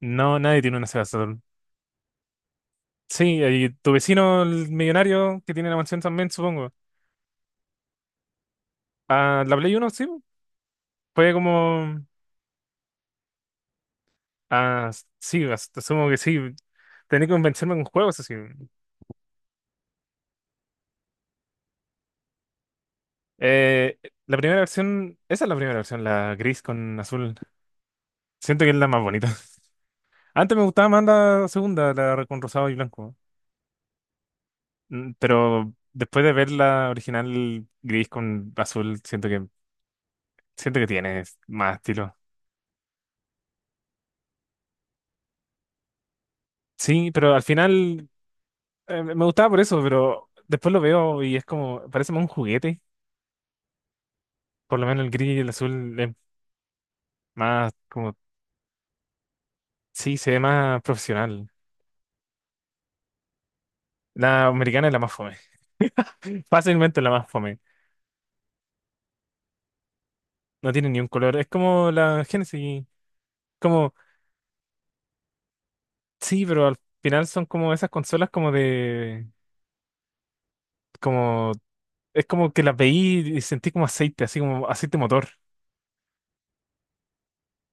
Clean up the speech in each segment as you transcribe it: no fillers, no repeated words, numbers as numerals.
No, nadie tiene una Sega Saturn. Sí, y tu vecino, el millonario que tiene la mansión también, supongo. Ah, la Play Uno, sí. Fue como. Ah, sí, asumo que sí. Tenía que convencerme con juegos así. Eh, la primera versión, esa es la primera versión, la gris con azul. Siento que es la más bonita. Antes me gustaba más la segunda, la con rosado y blanco. Pero después de ver la original gris con azul, siento que tiene más estilo. Sí, pero al final me gustaba por eso, pero después lo veo y es como, parece más un juguete. Por lo menos el gris y el azul es más como, sí, se ve más profesional. La americana es la más fome. Fácilmente la más fome. No tiene ni un color. Es como la Genesis. Como, sí, pero al final son como esas consolas como de, como, es como que las veí y sentí como aceite, así como aceite motor.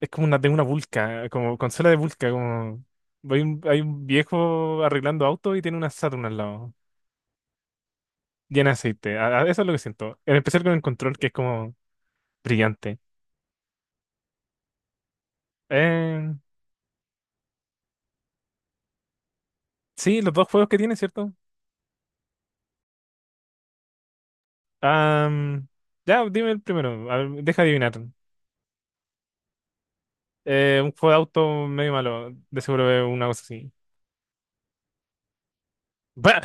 Es como una de una vulca, como consola de vulca, como hay un viejo arreglando auto y tiene una Saturn al lado, llena de aceite. Eso es lo que siento. En especial con el control, que es como brillante. Eh, sí, los dos juegos que tiene, ¿cierto? Am, ya, dime el primero. A ver, deja adivinar. Un juego de auto medio malo, de seguro es una cosa así. Bah,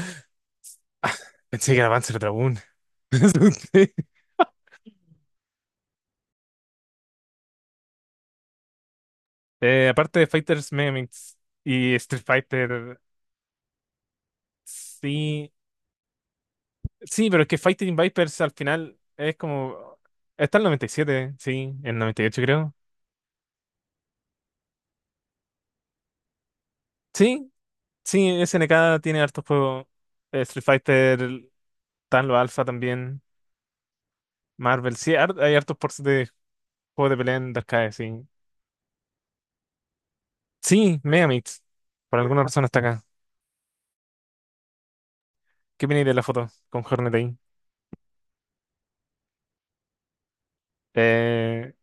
pensé que era Panzer Dragoon. Me asusté. Aparte de Fighters Megamix y Street Fighter, sí. Sí, pero es que Fighting Vipers al final es como... Está el 97, sí, el 98 creo. Sí, sí, SNK tiene hartos juegos. Street Fighter, están los Alpha también, Marvel, sí, hay hartos ports de juegos de pelea en Dark Arcade, sí. Sí, Megamix, por alguna razón está acá. ¿Qué viene de la foto con Hornet ahí? Eh,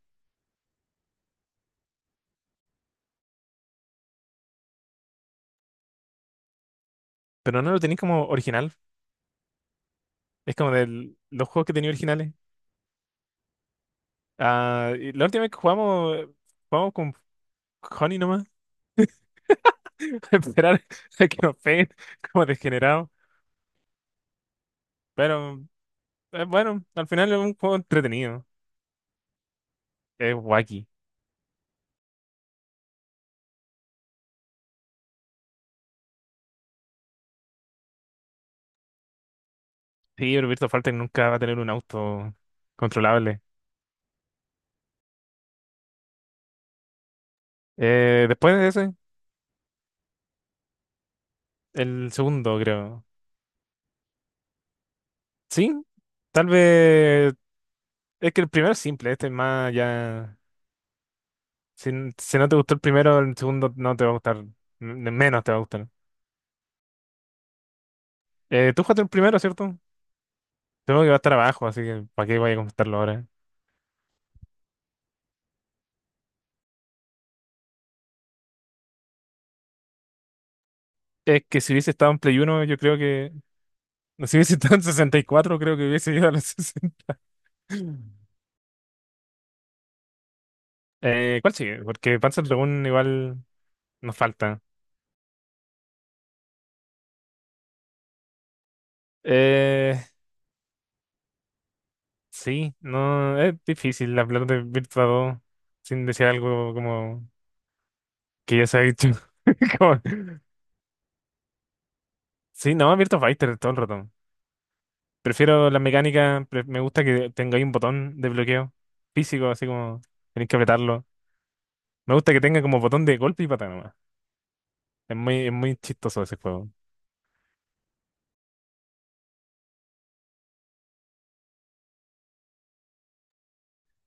pero no lo tenéis como original, es como de los juegos que tenía originales. Ah, y la última vez que jugamos, jugamos con Honey nomás. Esperar a que nos peguen como degenerados. Pero bueno, al final es un juego entretenido. Es wacky. Sí, pero Virtua Fighter nunca va a tener un auto controlable. Después de ese, el segundo, creo. Sí, tal vez. Es que el primero es simple, este es más ya. Si, si no te gustó el primero, el segundo no te va a gustar. Menos te va a gustar. Tú jugaste el primero, ¿cierto? Tengo que va a estar abajo, así que ¿para qué voy a comentarlo ahora? Es que si hubiese estado en Play uno yo creo que. Si hubiese estado en 64 creo que hubiese ido a los 60. ¿Cuál sigue? Porque Panzer Dragoon igual nos falta. Eh, sí, no, es difícil hablar de Virtua 2 sin decir algo como que ya se ha dicho. Como- Sí, no, Virtua Fighter todo el rato. Prefiero la mecánica, me gusta que tenga ahí un botón de bloqueo físico, así como tenéis que apretarlo. Me gusta que tenga como botón de golpe y patada nomás. Es muy chistoso ese juego.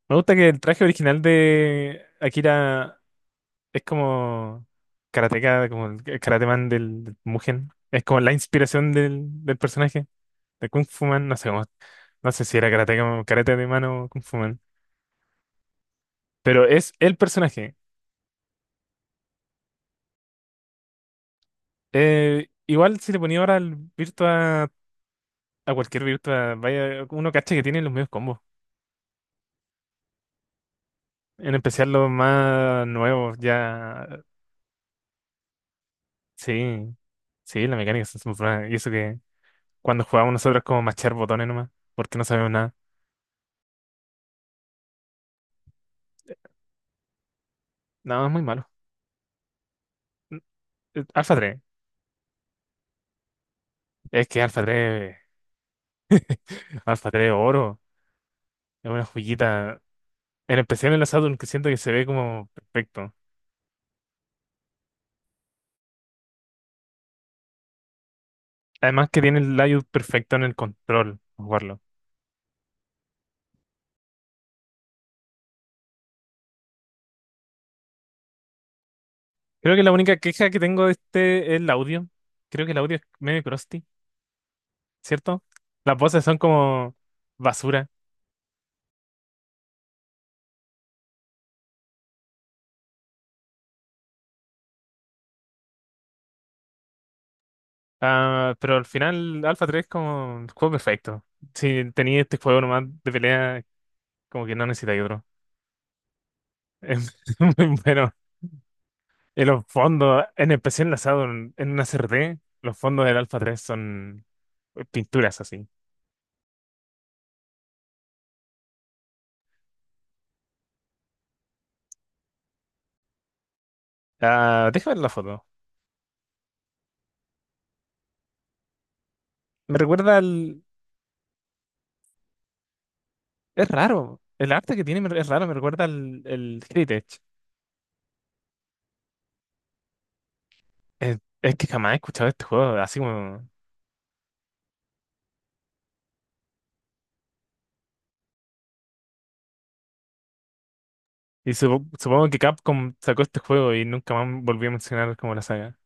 Me gusta que el traje original de Akira es como karateka, como el karate man del Mugen. Es como la inspiración del personaje de Kung Fu Man. No sé cómo, no sé si era karateka o karate de mano o Kung Fu Man. Pero es el personaje. Igual si le ponía ahora al Virtua, a cualquier Virtua, vaya, uno cacha que tiene los mismos combos. En especial los más nuevos, ya. Sí, sí, la mecánica es muy buena. Y eso que cuando jugábamos nosotros como machar botones nomás, porque no sabemos nada. No, es muy malo. Mm, Alpha 3. Es que Alpha 3, Alpha 3 oro, es una joyita. En especial en la Saturn, que siento que se ve como perfecto. Además que tiene el layout perfecto en el control, para jugarlo. Creo que la única queja que tengo de este es el audio. Creo que el audio es medio crusty, ¿cierto? Las voces son como basura. Ah, pero al final Alpha 3 es como el juego perfecto. Si tenía este juego nomás de pelea, como que no necesitáis otro. Es muy bueno. Y los fondos, en especial enlazado en una CRT, los fondos del Alpha 3 son pinturas así. Ah, déjame ver la foto. Me recuerda al... Es raro. El arte que tiene es raro, me recuerda al el Heritage. Es que jamás he escuchado este juego, así como... Y supongo que Capcom sacó este juego y nunca más volvió a mencionar como la saga.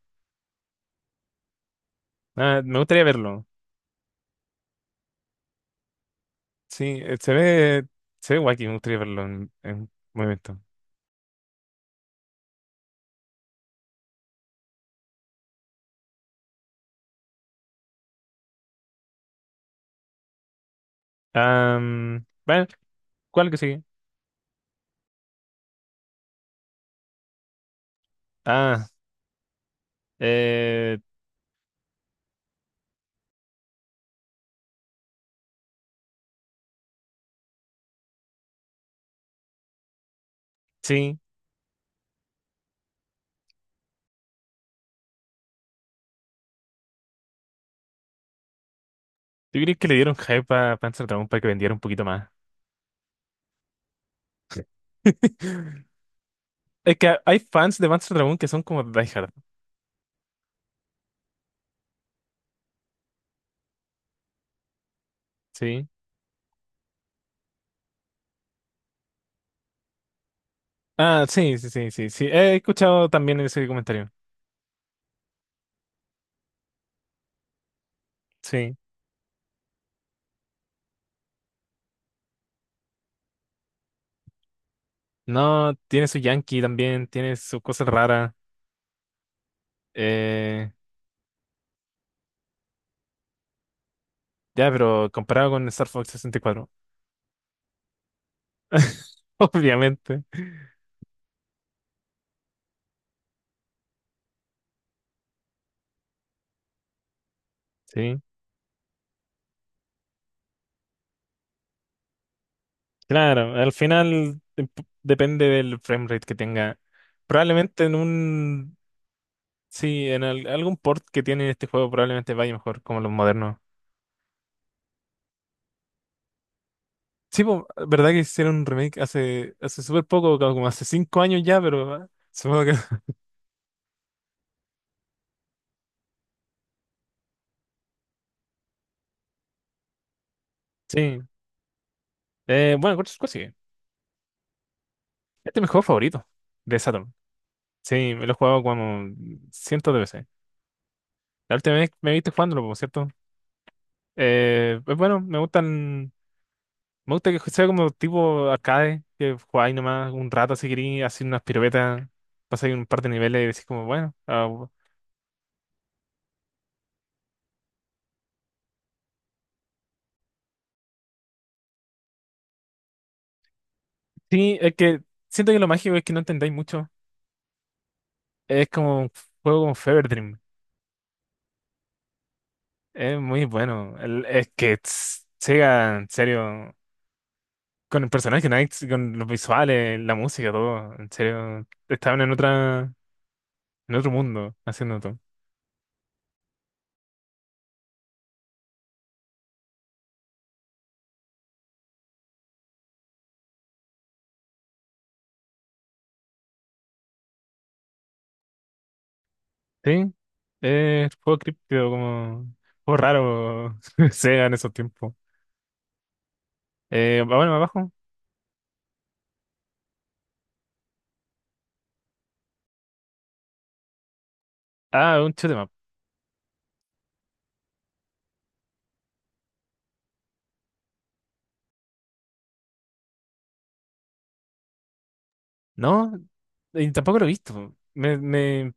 Ah, me gustaría verlo. Sí, se ve... Se ve wacky, me gustaría verlo en movimiento. Ah, bueno, ¿cuál que sigue? Ah, eh... sí, ¿tú crees que le dieron hype a Panzer Dragoon para que vendiera un poquito más? Es que hay fans de Panzer Dragoon que son como diehard, ¿sí? Ah, sí, sí, sí, sí, sí. He escuchado también ese comentario. Sí. No, tiene su Yankee también, tiene sus cosas raras. Eh, ya, pero comparado con Star Fox 64. Obviamente. Sí. Claro, al final depende del frame rate que tenga. Probablemente en un. Sí, en algún port que tiene este juego probablemente vaya mejor, como los modernos. Sí, po, ¿verdad que hicieron un remake hace súper poco, como hace 5 años ya? Pero ah, supongo que... Sí. Bueno, ¿cuál sigue? Este es mi juego favorito de Saturn. Sí, me lo he jugado como cientos de veces. La última vez me viste jugándolo, por cierto. Pues bueno, me gustan... Me gusta que sea como tipo arcade, que jugáis nomás un rato si queréis, hacer unas piruetas, pasáis un par de niveles y decís como, bueno, ah, Sí, es que siento que lo mágico es que no entendáis mucho. Es como un juego como Fever Dream. Es muy bueno. Es que tss, Sega, en serio, con el personaje Knights, con los visuales, la música, todo, en serio, estaban en otra, en otro mundo haciendo todo. Sí, es juego críptico, como juego raro Sega en esos tiempos. Ah, bueno, abajo. Ah, un shoot 'em up. No, y tampoco lo he visto. Me, me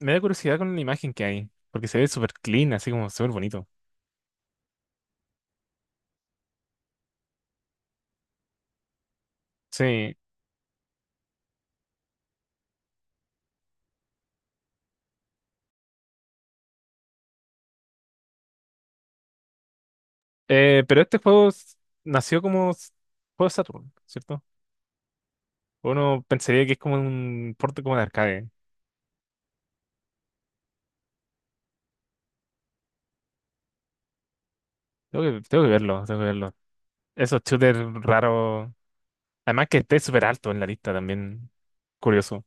Me da curiosidad con la imagen que hay, porque se ve súper clean, así como súper bonito. Sí, pero este juego nació como juego de Saturn, ¿cierto? Uno pensaría que es como un porte como de arcade. Tengo que verlo, tengo que verlo. Esos shooters raros. Además que esté súper alto en la lista también. Curioso.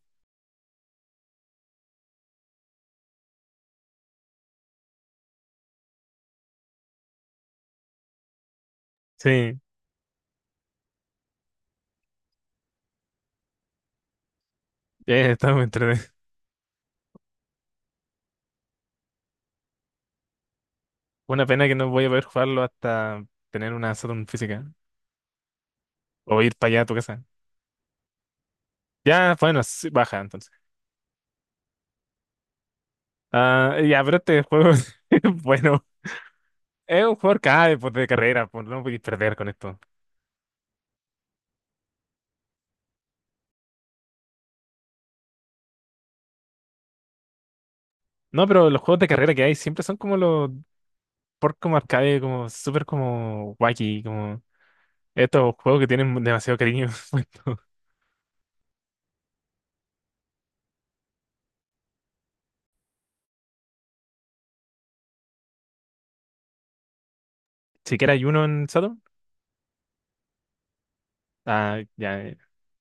Sí, está muy entretenido. Una pena que no voy a poder jugarlo hasta tener una Saturn física. O ir para allá a tu casa. Ya, bueno, sí, baja entonces. Ah, ya, pero este juego, es bueno. Es un jugador cada pues, de carrera, pues no podéis perder con esto. No, pero los juegos de carrera que hay siempre son como los por como arcade, como súper como wacky, como estos juegos que tienen demasiado cariño. puesto. Siquiera hay uno en Saturn. Ah, ya.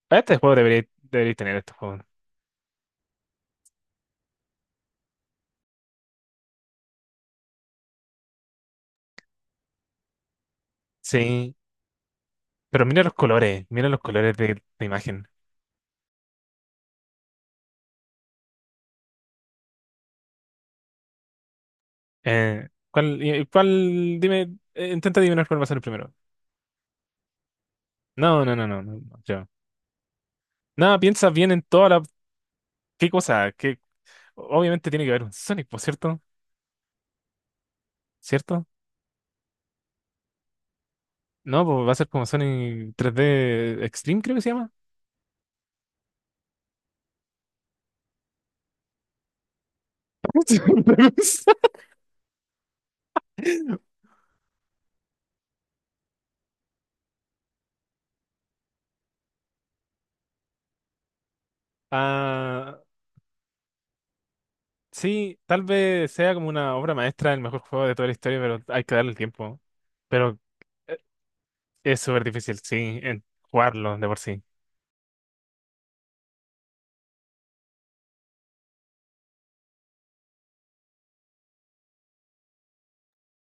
Para este juego debería, debería tener estos juegos. Sí, pero mira los colores de la imagen. ¿Cuál, cuál, dime, intenta adivinar cuál va a ser el primero? No, no, no, no, no, no, yo. No, piensa bien en toda la, qué cosa, que obviamente tiene que haber un Sonic, por cierto. ¿Cierto? No, pues va a ser como Sonic 3D Extreme, creo que se llama. Ah, sí, tal vez sea como una obra maestra, el mejor juego de toda la historia, pero hay que darle el tiempo. Pero eh, es súper difícil, sí, en jugarlo de por sí.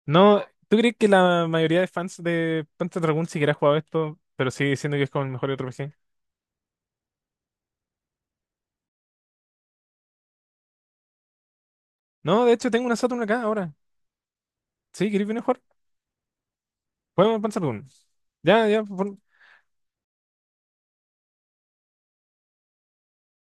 No, ¿tú crees que la mayoría de fans de Panzer Dragoon siquiera ha jugado esto, pero sigue diciendo que es como el mejor RPG? No, de hecho tengo una Saturn acá ahora. Sí, ¿queréis venir a jugar? Juego Panzer Dragoon. Ya, ya,